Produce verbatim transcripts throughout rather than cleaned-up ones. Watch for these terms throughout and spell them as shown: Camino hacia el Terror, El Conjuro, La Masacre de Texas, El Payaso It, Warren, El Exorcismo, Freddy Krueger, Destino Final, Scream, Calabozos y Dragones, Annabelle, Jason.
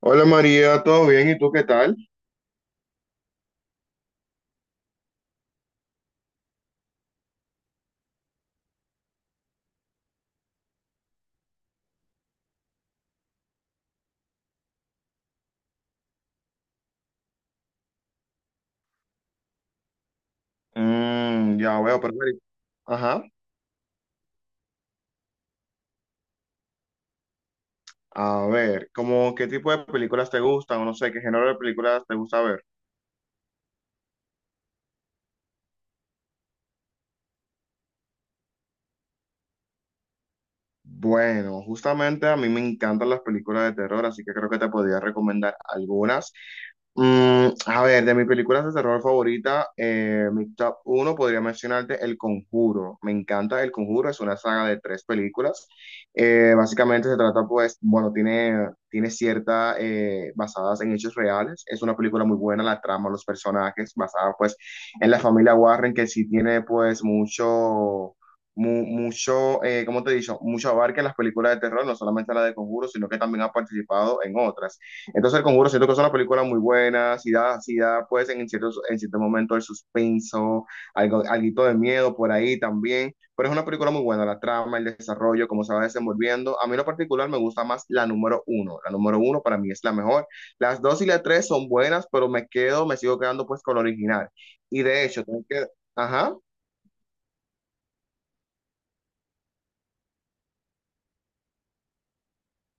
Hola María, ¿todo bien? ¿Y tú qué tal? Mm, ya veo, pero Mari- Ajá. A ver, ¿cómo qué tipo de películas te gustan? O no sé, ¿qué género de películas te gusta ver? Bueno, justamente a mí me encantan las películas de terror, así que creo que te podría recomendar algunas. Mm, a ver, de mis películas de terror favorita, eh, mi top uno podría mencionarte El Conjuro. Me encanta El Conjuro, es una saga de tres películas. Eh, básicamente se trata, pues, bueno, tiene, tiene cierta, eh, basadas en hechos reales. Es una película muy buena, la trama, los personajes, basada, pues, en la familia Warren, que sí tiene, pues, mucho. mu- Mucho, eh, ¿cómo te he dicho? Mucho abarca en las películas de terror, no solamente la de Conjuro, sino que también ha participado en otras. Entonces, El Conjuro siento que es una película muy buena, si da, si da pues en ciertos, en cierto momento el suspenso, algo, alguito de miedo por ahí también, pero es una película muy buena, la trama, el desarrollo, cómo se va desenvolviendo. A mí en lo particular me gusta más la número uno, la número uno para mí es la mejor. Las dos y la tres son buenas, pero me quedo, me sigo quedando pues con la original. Y de hecho, tengo que. Ajá.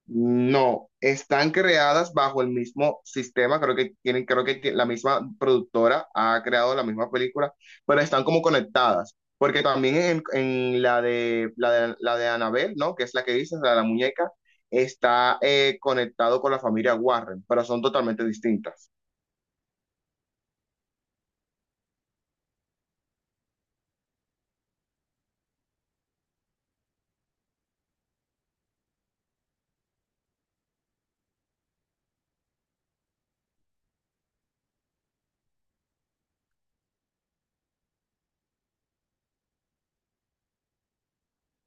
No, están creadas bajo el mismo sistema, creo que tienen, creo que ti- la misma productora ha creado la misma película, pero están como conectadas, porque también en, en la de la de, la de Annabelle, ¿no? Que es la que dices, la de la muñeca, está eh, conectado con la familia Warren, pero son totalmente distintas.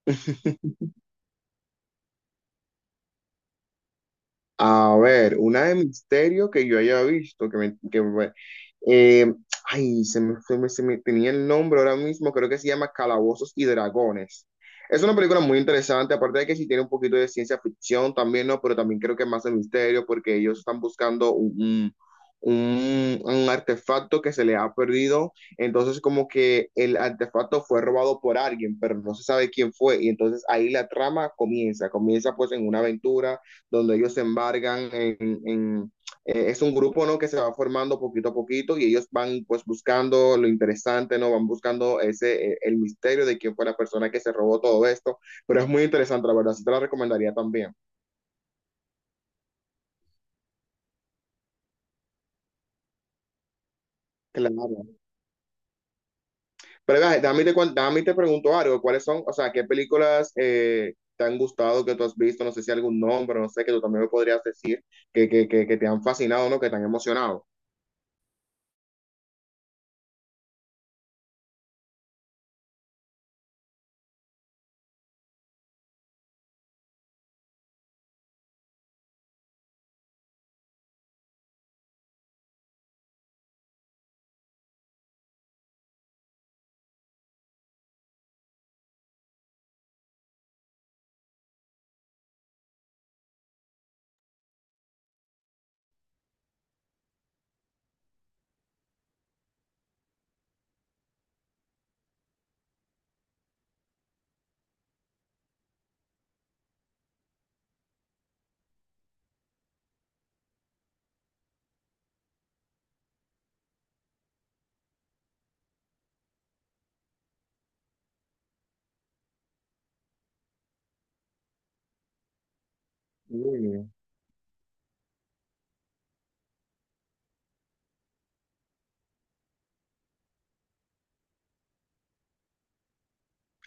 A ver, una de misterio que yo haya visto, que me, que Eh, ay, se me, se me- se me tenía el nombre ahora mismo, creo que se llama Calabozos y Dragones. Es una película muy interesante, aparte de que sí tiene un poquito de ciencia ficción también, ¿no? Pero también creo que más de misterio, porque ellos están buscando un, un, un- un artefacto que se le ha perdido. Entonces, como que el artefacto fue robado por alguien, pero no se sabe quién fue. Y entonces ahí la trama comienza, comienza pues en una aventura donde ellos se embargan en, en eh, es un grupo, ¿no? Que se va formando poquito a poquito y ellos van pues buscando lo interesante, ¿no? Van buscando ese, eh, el misterio de quién fue la persona que se robó todo esto, pero es muy interesante, la verdad, sí te la recomendaría también. Claro. Pero vea, dame te, cuen- dame te pregunto algo, ¿cuáles son, o sea, qué películas eh, te han gustado, que tú has visto, no sé si algún nombre, no sé, que tú también me podrías decir, que, que, que, que te han fascinado, ¿no? Que te han emocionado.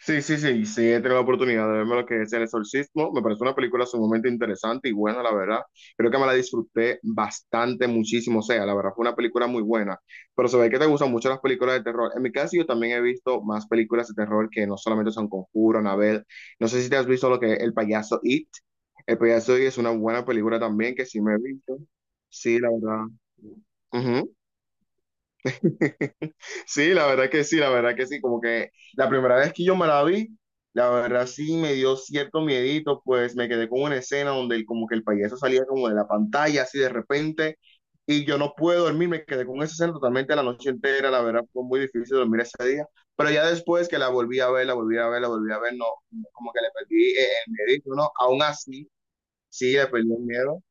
Sí, sí, sí, sí, he tenido la oportunidad de verme lo que es El Exorcismo. Me parece una película sumamente interesante y buena, la verdad. Creo que me la disfruté bastante, muchísimo. O sea, la verdad fue una película muy buena. Pero se ve que te gustan mucho las películas de terror. En mi caso, yo también he visto más películas de terror que no solamente son Conjuro, Anabel. No sé si te has visto lo que es El Payaso It. El Payaso It es una buena película también que sí me he visto. Sí, la verdad. Ujú. Sí, la verdad que sí, la verdad que sí, como que la primera vez que yo me la vi, la verdad sí me dio cierto miedito, pues me quedé con una escena donde el- como que el payaso salía como de la pantalla así de repente y yo no pude dormir, me quedé con esa escena totalmente la noche entera, la verdad fue muy difícil dormir ese día, pero ya después que la volví a ver, la volví a ver, la volví a ver, no, como que le perdí eh, el miedito, ¿no? Aún así, sí, le perdí el miedo.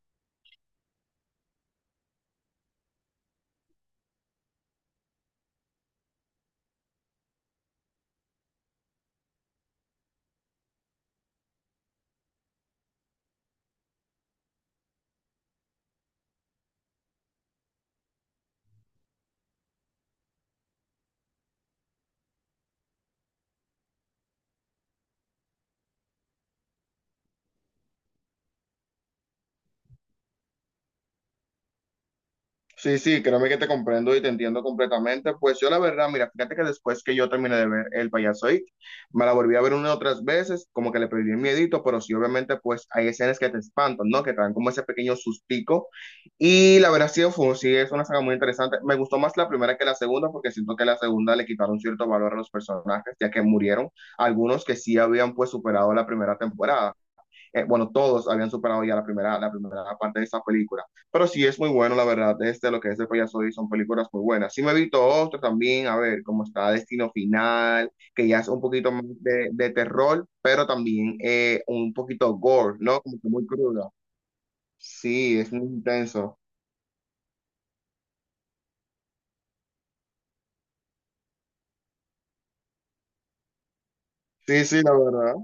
Sí, sí, créeme que te comprendo y te entiendo completamente. Pues yo la verdad, mira, fíjate que después que yo terminé de ver El Payaso It, me la volví a ver una y otras veces, como que le perdí el miedito, pero sí, obviamente, pues hay escenas que te espantan, ¿no? Que te dan como ese pequeño sustico. Y la verdad, sí, fue, sí, es una saga muy interesante. Me gustó más la primera que la segunda, porque siento que la segunda le quitaron cierto valor a los personajes, ya que murieron algunos que sí habían pues superado la primera temporada eh, bueno, todos habían superado ya la primera, la primera parte de esa película. Pero sí es muy bueno, la verdad, este, lo que es el payaso y son películas muy buenas. Sí me he visto otro también, a ver, como está Destino Final, que ya es un poquito más de, de terror, pero también eh, un poquito gore, ¿no? Como que muy cruda. Sí, es muy intenso. Sí, sí, la verdad.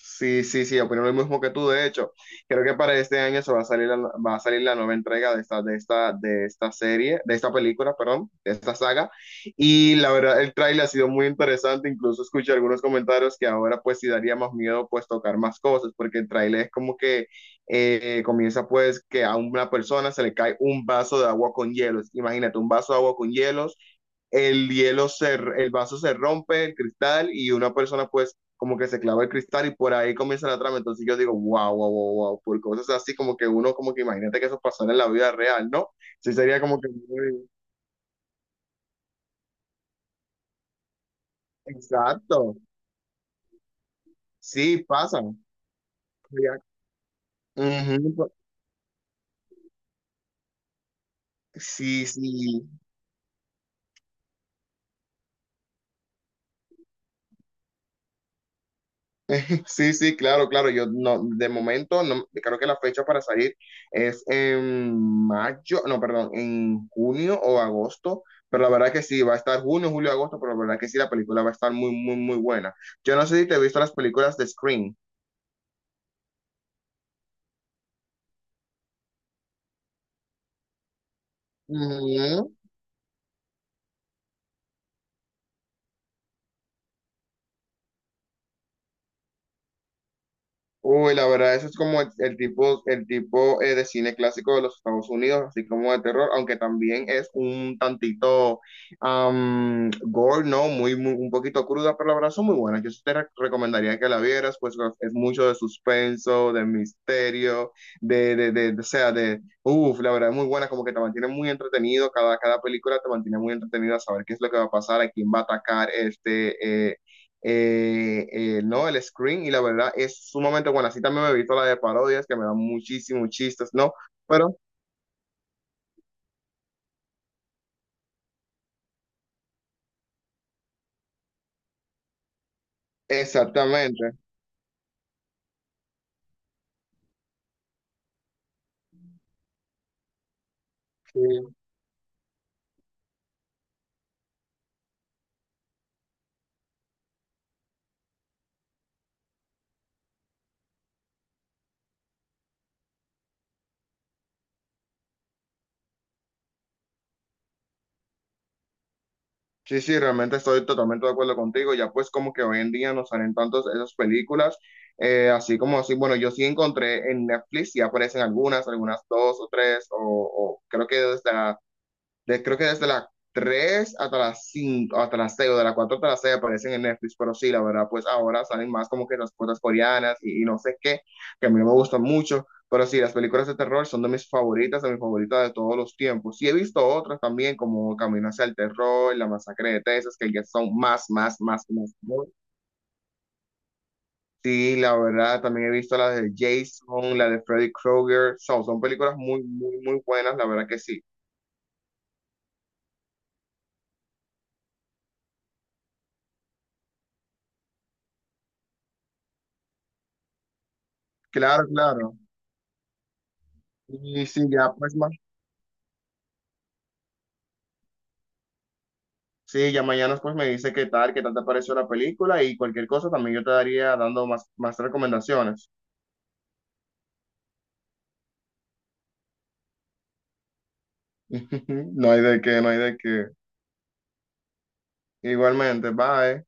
Sí, sí, sí, opino lo mismo que tú, de hecho. Creo que para este año se va a salir la, va a salir la nueva entrega de esta, de esta, de esta serie, de esta película, perdón, de esta saga. Y la verdad, el tráiler ha sido muy interesante. Incluso escuché algunos comentarios que ahora pues sí daría más miedo pues tocar más cosas, porque el tráiler es como que eh, comienza pues que a una persona se le cae un vaso de agua con hielos. Imagínate, un vaso de agua con hielos el hielo se, el vaso se rompe, el cristal, y una persona pues como que se clava el cristal y por ahí comienza la trama. Entonces yo digo, wow, wow, wow, wow, por cosas así como que uno, como que imagínate que eso pasó en la vida real, ¿no? Sí, sería como que muy. Exacto, sí, pasa. Sería- Ujú, po- sí, sí, sí, sí, claro, claro. Yo no, de momento, no, creo que la fecha para salir es en mayo, no, perdón, en junio o agosto, pero la verdad que sí, va a estar junio, julio, agosto, pero la verdad que sí, la película va a estar muy, muy, muy buena. Yo no sé si te he visto las películas de Scream. Ujú. Uy, la verdad, eso es como el, el tipo, el tipo eh, de cine clásico de los Estados Unidos, así como de terror, aunque también es un tantito am, gore, ¿no? Muy, muy, un poquito cruda, pero la verdad son muy buenas. Yo sí te re- recomendaría que la vieras, pues es mucho de suspenso, de misterio, de, de, de, de- o sea, de, uff, la verdad es muy buena, como que te mantiene muy entretenido, cada, cada película te mantiene muy entretenido a saber qué es lo que va a pasar, a quién va a atacar este, eh, eh, eh, ¿no? El screen y la verdad es sumamente buena. Así también me he visto la de parodias que me dan muchísimos chistes, ¿no? Pero exactamente. Sí. Sí, sí, realmente estoy totalmente de acuerdo contigo. Ya pues como que hoy en día no salen tantas esas películas, eh, así como así, bueno, yo sí encontré en Netflix, ya aparecen algunas, algunas dos o tres, o, o creo que desde de- creo que desde las tres hasta las cinco hasta las seis o de las cuatro hasta las seis aparecen en Netflix, pero sí, la verdad, pues ahora salen más como que las cosas coreanas y, y no sé qué, que a mí no me gustan mucho, pero sí, las películas de terror son de mis favoritas, de mis favoritas de todos los tiempos. Sí, he visto otras también como Camino hacia el Terror, La Masacre de Texas, que ya son más, más, más, más. ¿No? Sí, la verdad, también he visto las de Jason, la de Freddy Krueger, son, son películas muy, muy, muy buenas, la verdad que sí. Claro, claro. Y sí, ya pues más. Sí, ya mañana pues me dice qué tal, qué tal te pareció la película y cualquier cosa también yo te daría dando más, más recomendaciones. No hay de qué, no hay de qué. Igualmente, bye.